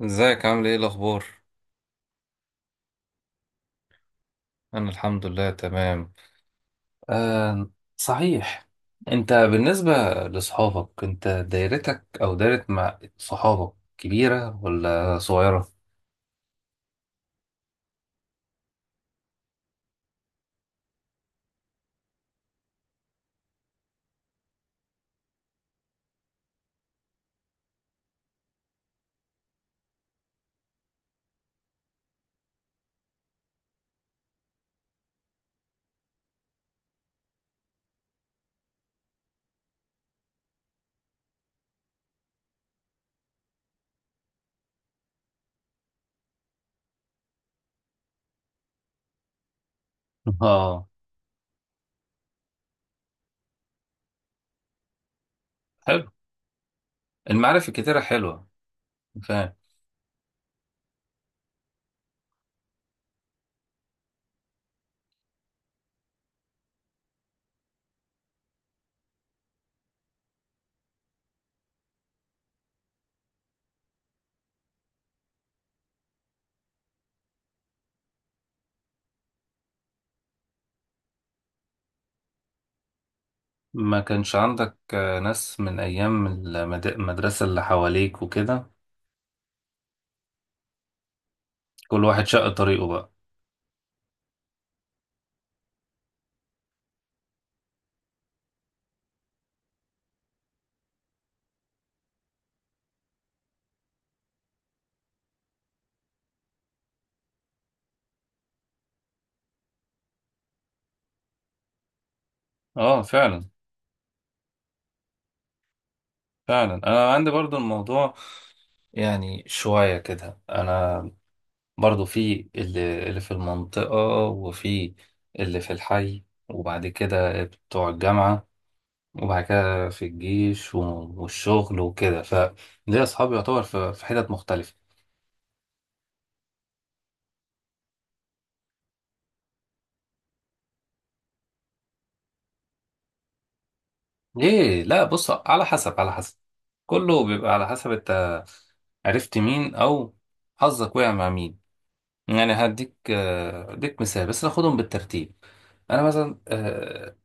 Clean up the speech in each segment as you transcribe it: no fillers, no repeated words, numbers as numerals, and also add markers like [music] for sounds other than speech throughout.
ازيك؟ عامل ايه؟ الاخبار؟ انا الحمد لله تمام. آه. صحيح. انت بالنسبة لاصحابك، انت دايرتك او دايرة مع صحابك كبيرة ولا صغيرة؟ [laughs] اه. حلو. المعارف الكتيرة حلوة. فاهم. ما كانش عندك ناس من ايام المدرسة اللي حواليك وكده؟ كل واحد شق طريقه بقى. اه، فعلا. فعلا، انا عندي برضو الموضوع، يعني شوية كده، انا برضو في اللي في المنطقة، وفي اللي في الحي، وبعد كده بتوع الجامعة، وبعد كده في الجيش والشغل وكده، فليه أصحابي يعتبر في حتت مختلفة. ليه؟ لا، بص، على حسب على حسب، كله بيبقى على حسب انت عرفت مين أو حظك وقع مع مين. يعني هديك هديك مثال بس، ناخدهم بالترتيب. انا مثلا،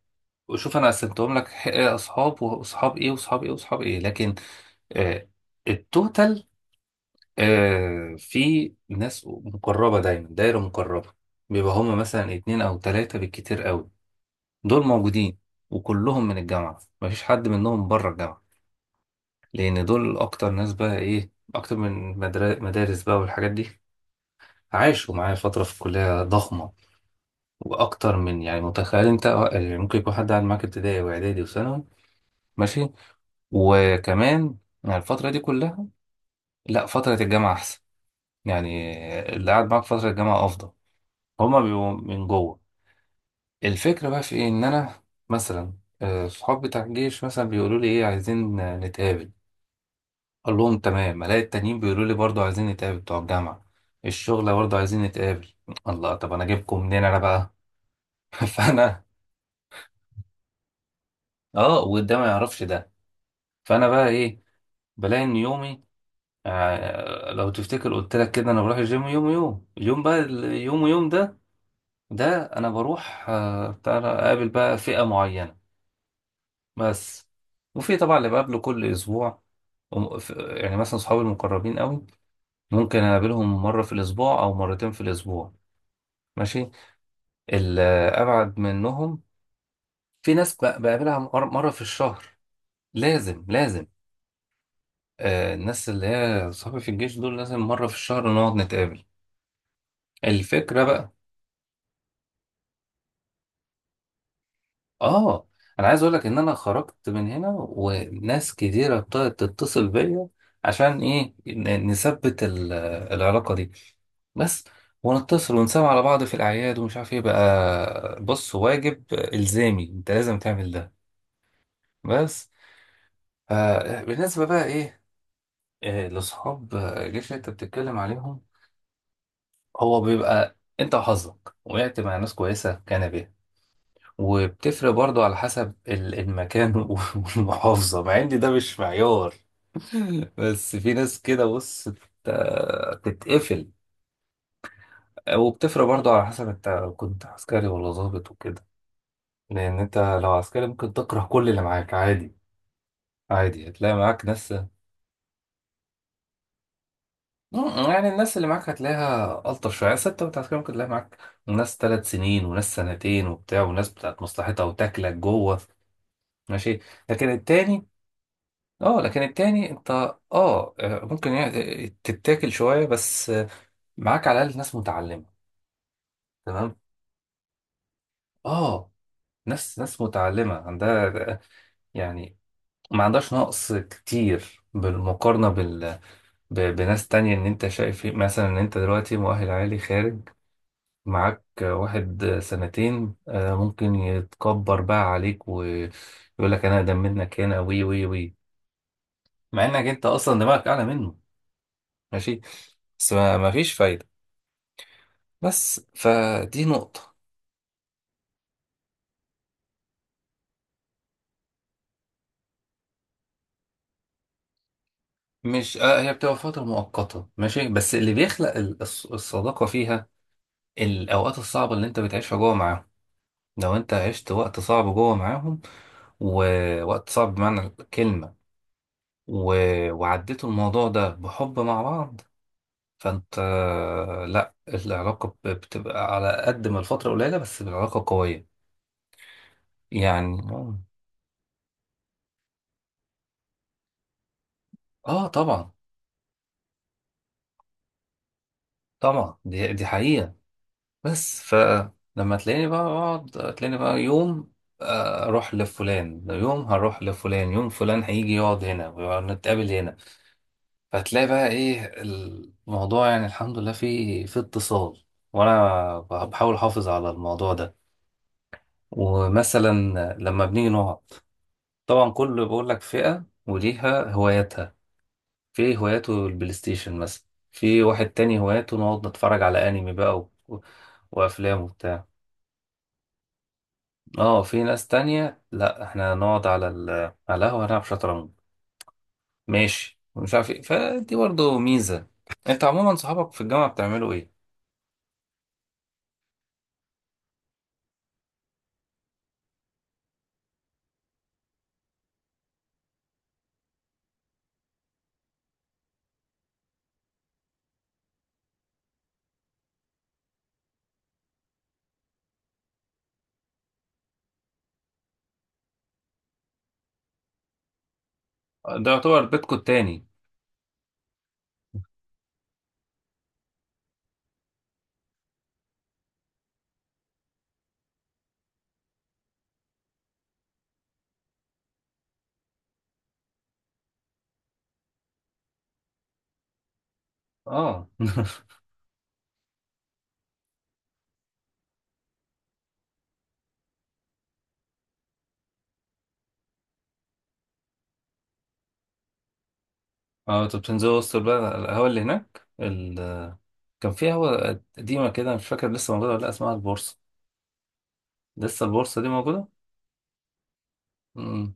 شوف، انا قسمتهم لك، اصحاب واصحاب ايه واصحاب ايه واصحاب ايه، لكن آه، التوتال، في ناس مقربة دايما، دايرة مقربة، بيبقى هما مثلا اتنين أو تلاتة بالكتير قوي. دول موجودين وكلهم من الجامعة، مفيش حد منهم بره الجامعة، لأن دول أكتر ناس بقى إيه، أكتر من مدارس بقى والحاجات دي، عاشوا معايا فترة في الكلية ضخمة. وأكتر من، يعني متخيل أنت، يعني ممكن يكون حد قاعد معاك ابتدائي وإعدادي وثانوي ماشي، وكمان، يعني الفترة دي كلها. لا، فترة الجامعة أحسن. يعني اللي قاعد معاك فترة الجامعة أفضل، هما بيبقوا من جوه. الفكرة بقى في إيه؟ إن أنا مثلا، صحاب بتاع الجيش مثلا بيقولوا لي إيه، عايزين نتقابل، أقول لهم تمام. ألاقي التانيين بيقولوا لي برضه عايزين نتقابل بتوع الجامعة، الشغل برضه عايزين نتقابل. الله، طب أنا أجيبكم منين أنا بقى؟ [laughs] فأنا آه، وده ما يعرفش ده. فأنا بقى إيه؟ بلاقي إن يومي، لو تفتكر قلت لك كده، أنا بروح الجيم يوم، ويوم يوم بقى اليوم، ويوم ده ده انا بروح بتاع ده، اقابل بقى فئة معينة بس. وفي طبعا اللي بقابله كل اسبوع. يعني مثلا صحابي المقربين قوي، ممكن اقابلهم مرة في الاسبوع او مرتين في الاسبوع ماشي. الابعد منهم، في ناس بقابلها مرة في الشهر. لازم لازم. الناس اللي هي صحابي في الجيش دول لازم مرة في الشهر نقعد نتقابل. الفكرة بقى، اه، انا عايز اقول لك ان انا خرجت من هنا وناس كتيره ابتدت تتصل بيا، عشان ايه؟ نثبت العلاقه دي بس، ونتصل ونسمع على بعض في الاعياد ومش عارف ايه بقى. بص، واجب الزامي انت لازم تعمل ده، بس. بالنسبه بقى ايه، لاصحاب الجيش اللي انت بتتكلم عليهم، هو بيبقى انت وحظك، وقعت مع ناس كويسه كان بيها. وبتفرق برضو على حسب المكان [laughs] والمحافظة، مع ان ده مش معيار. [laughs] بس في ناس كده، بص بتتقفل، وبتفرق برضو على حسب انت كنت عسكري ولا ضابط وكده. لان انت لو عسكري ممكن تكره كل اللي معاك عادي. عادي، هتلاقي معاك ناس. يعني الناس اللي معاك هتلاقيها ألطف شوية، بس انت كنت عسكري ممكن تلاقي معاك ناس 3 سنين وناس سنتين وبتاع، وناس بتاعت مصلحتها وتاكلك جوه ماشي. لكن التاني اه لكن التاني انت ممكن يعني تتاكل شوية، بس معاك على الأقل ناس متعلمة، تمام. اه، ناس متعلمة عندها، يعني ما عندهاش نقص كتير بالمقارنة بناس تانية، ان انت شايف إيه. مثلا ان انت دلوقتي مؤهل عالي، خارج معاك واحد سنتين، ممكن يتكبر بقى عليك ويقول لك انا اقدم منك، هنا وي وي وي، مع انك انت اصلا دماغك اعلى منه ماشي، بس ما فيش فايدة. بس فدي نقطة. مش، هي بتبقى فترة مؤقتة ماشي، بس اللي بيخلق الصداقة فيها الأوقات الصعبة اللي أنت بتعيشها جوه معاهم. لو أنت عشت وقت صعب جوه معاهم، ووقت صعب بمعنى الكلمة، و... وعديتوا الموضوع ده بحب مع بعض، فأنت، لأ العلاقة بتبقى على قد ما الفترة قليلة، بس العلاقة قوية يعني. آه، طبعا. طبعا دي حقيقة، بس فلما تلاقيني بقى اقعد، تلاقيني بقى يوم اروح لفلان، يوم هروح لفلان، يوم فلان هيجي يقعد هنا ونتقابل هنا. فتلاقي بقى ايه الموضوع، يعني الحمد لله فيه في اتصال، وانا بحاول احافظ على الموضوع ده. ومثلا لما بنيجي نقعد، طبعا كل بقول لك فئة وليها هواياتها، في هواياته البلاي ستيشن مثلا، في واحد تاني هواياته نقعد نتفرج على انمي بقى وافلام وبتاع، اه في ناس تانية لا، احنا هنقعد على على القهوة هنلعب شطرنج ماشي، ومش عارف ايه، فدي برضه ميزة. انت عموما صحابك في الجامعة بتعملوا ايه؟ ده يعتبر بيتكم التاني. اه. [laughs] اه، انتوا بتنزلوا وسط البلد على القهوة اللي هناك كان في قهوة قديمة كده، مش فاكر لسه موجودة ولا لأ، اسمها البورصة. لسه البورصة دي موجودة؟ امم.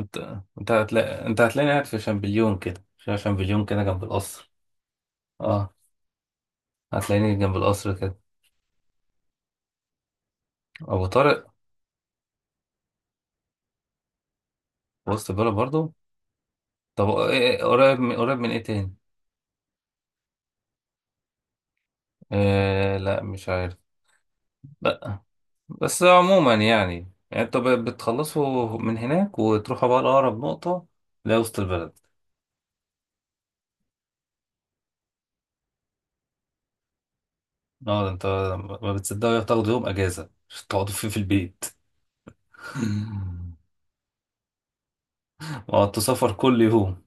انت انت هتلاقيني قاعد في شامبليون كده، في شامبليون كده جنب القصر. اه، هتلاقيني جنب القصر كده. أبو طارق. في وسط البلد برضه. طب إيه، قريب من قريب من ايه تاني؟ آه، لا، مش عارف. لا، بس عموما يعني، انتوا بتخلصوا من هناك وتروحوا بقى لأقرب نقطة، لا وسط البلد. اه، ده انت ما بتصدقوا تاخدوا يوم اجازة عشان تقعدوا فيه في البيت. [laughs] وقعدتوا سفر كل يوم.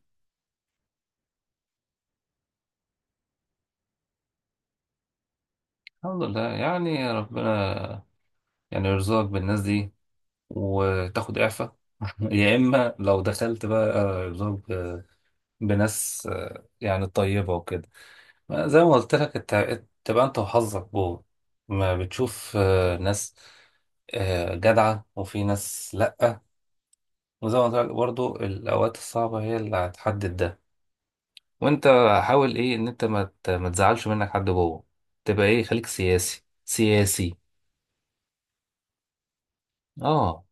الحمد لله، يعني ربنا يعني يرزقك بالناس دي وتاخد إعفاء، [laughs] يا إما لو دخلت بقى يرزقك بناس، يعني طيبة وكده. زي ما قلت لك، تبقى انت وحظك جوه، ما بتشوف ناس، جدعة وفي ناس لأ. وزي ما قلت لك برضو، الأوقات الصعبة هي اللي هتحدد ده. وانت حاول ايه، ان انت ما تزعلش منك حد جوه، تبقى ايه، خليك سياسي سياسي. اه،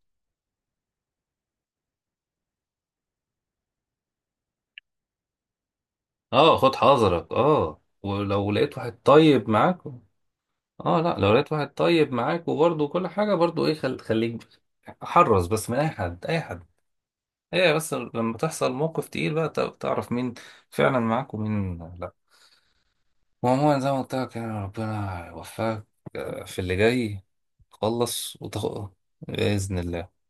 اه، خد حذرك. اه، ولو لقيت واحد طيب معاك. اه، لا، لو لقيت واحد طيب معاك وبرضه كل حاجة برضه ايه، خليك حرص، بس من اي حد اي حد. هي بس لما تحصل موقف تقيل بقى تعرف مين فعلا معاك ومين لا. وعموما زي ما قلت لك، يعني ربنا يوفقك في اللي جاي، خلص وتاخد. بإذن الله.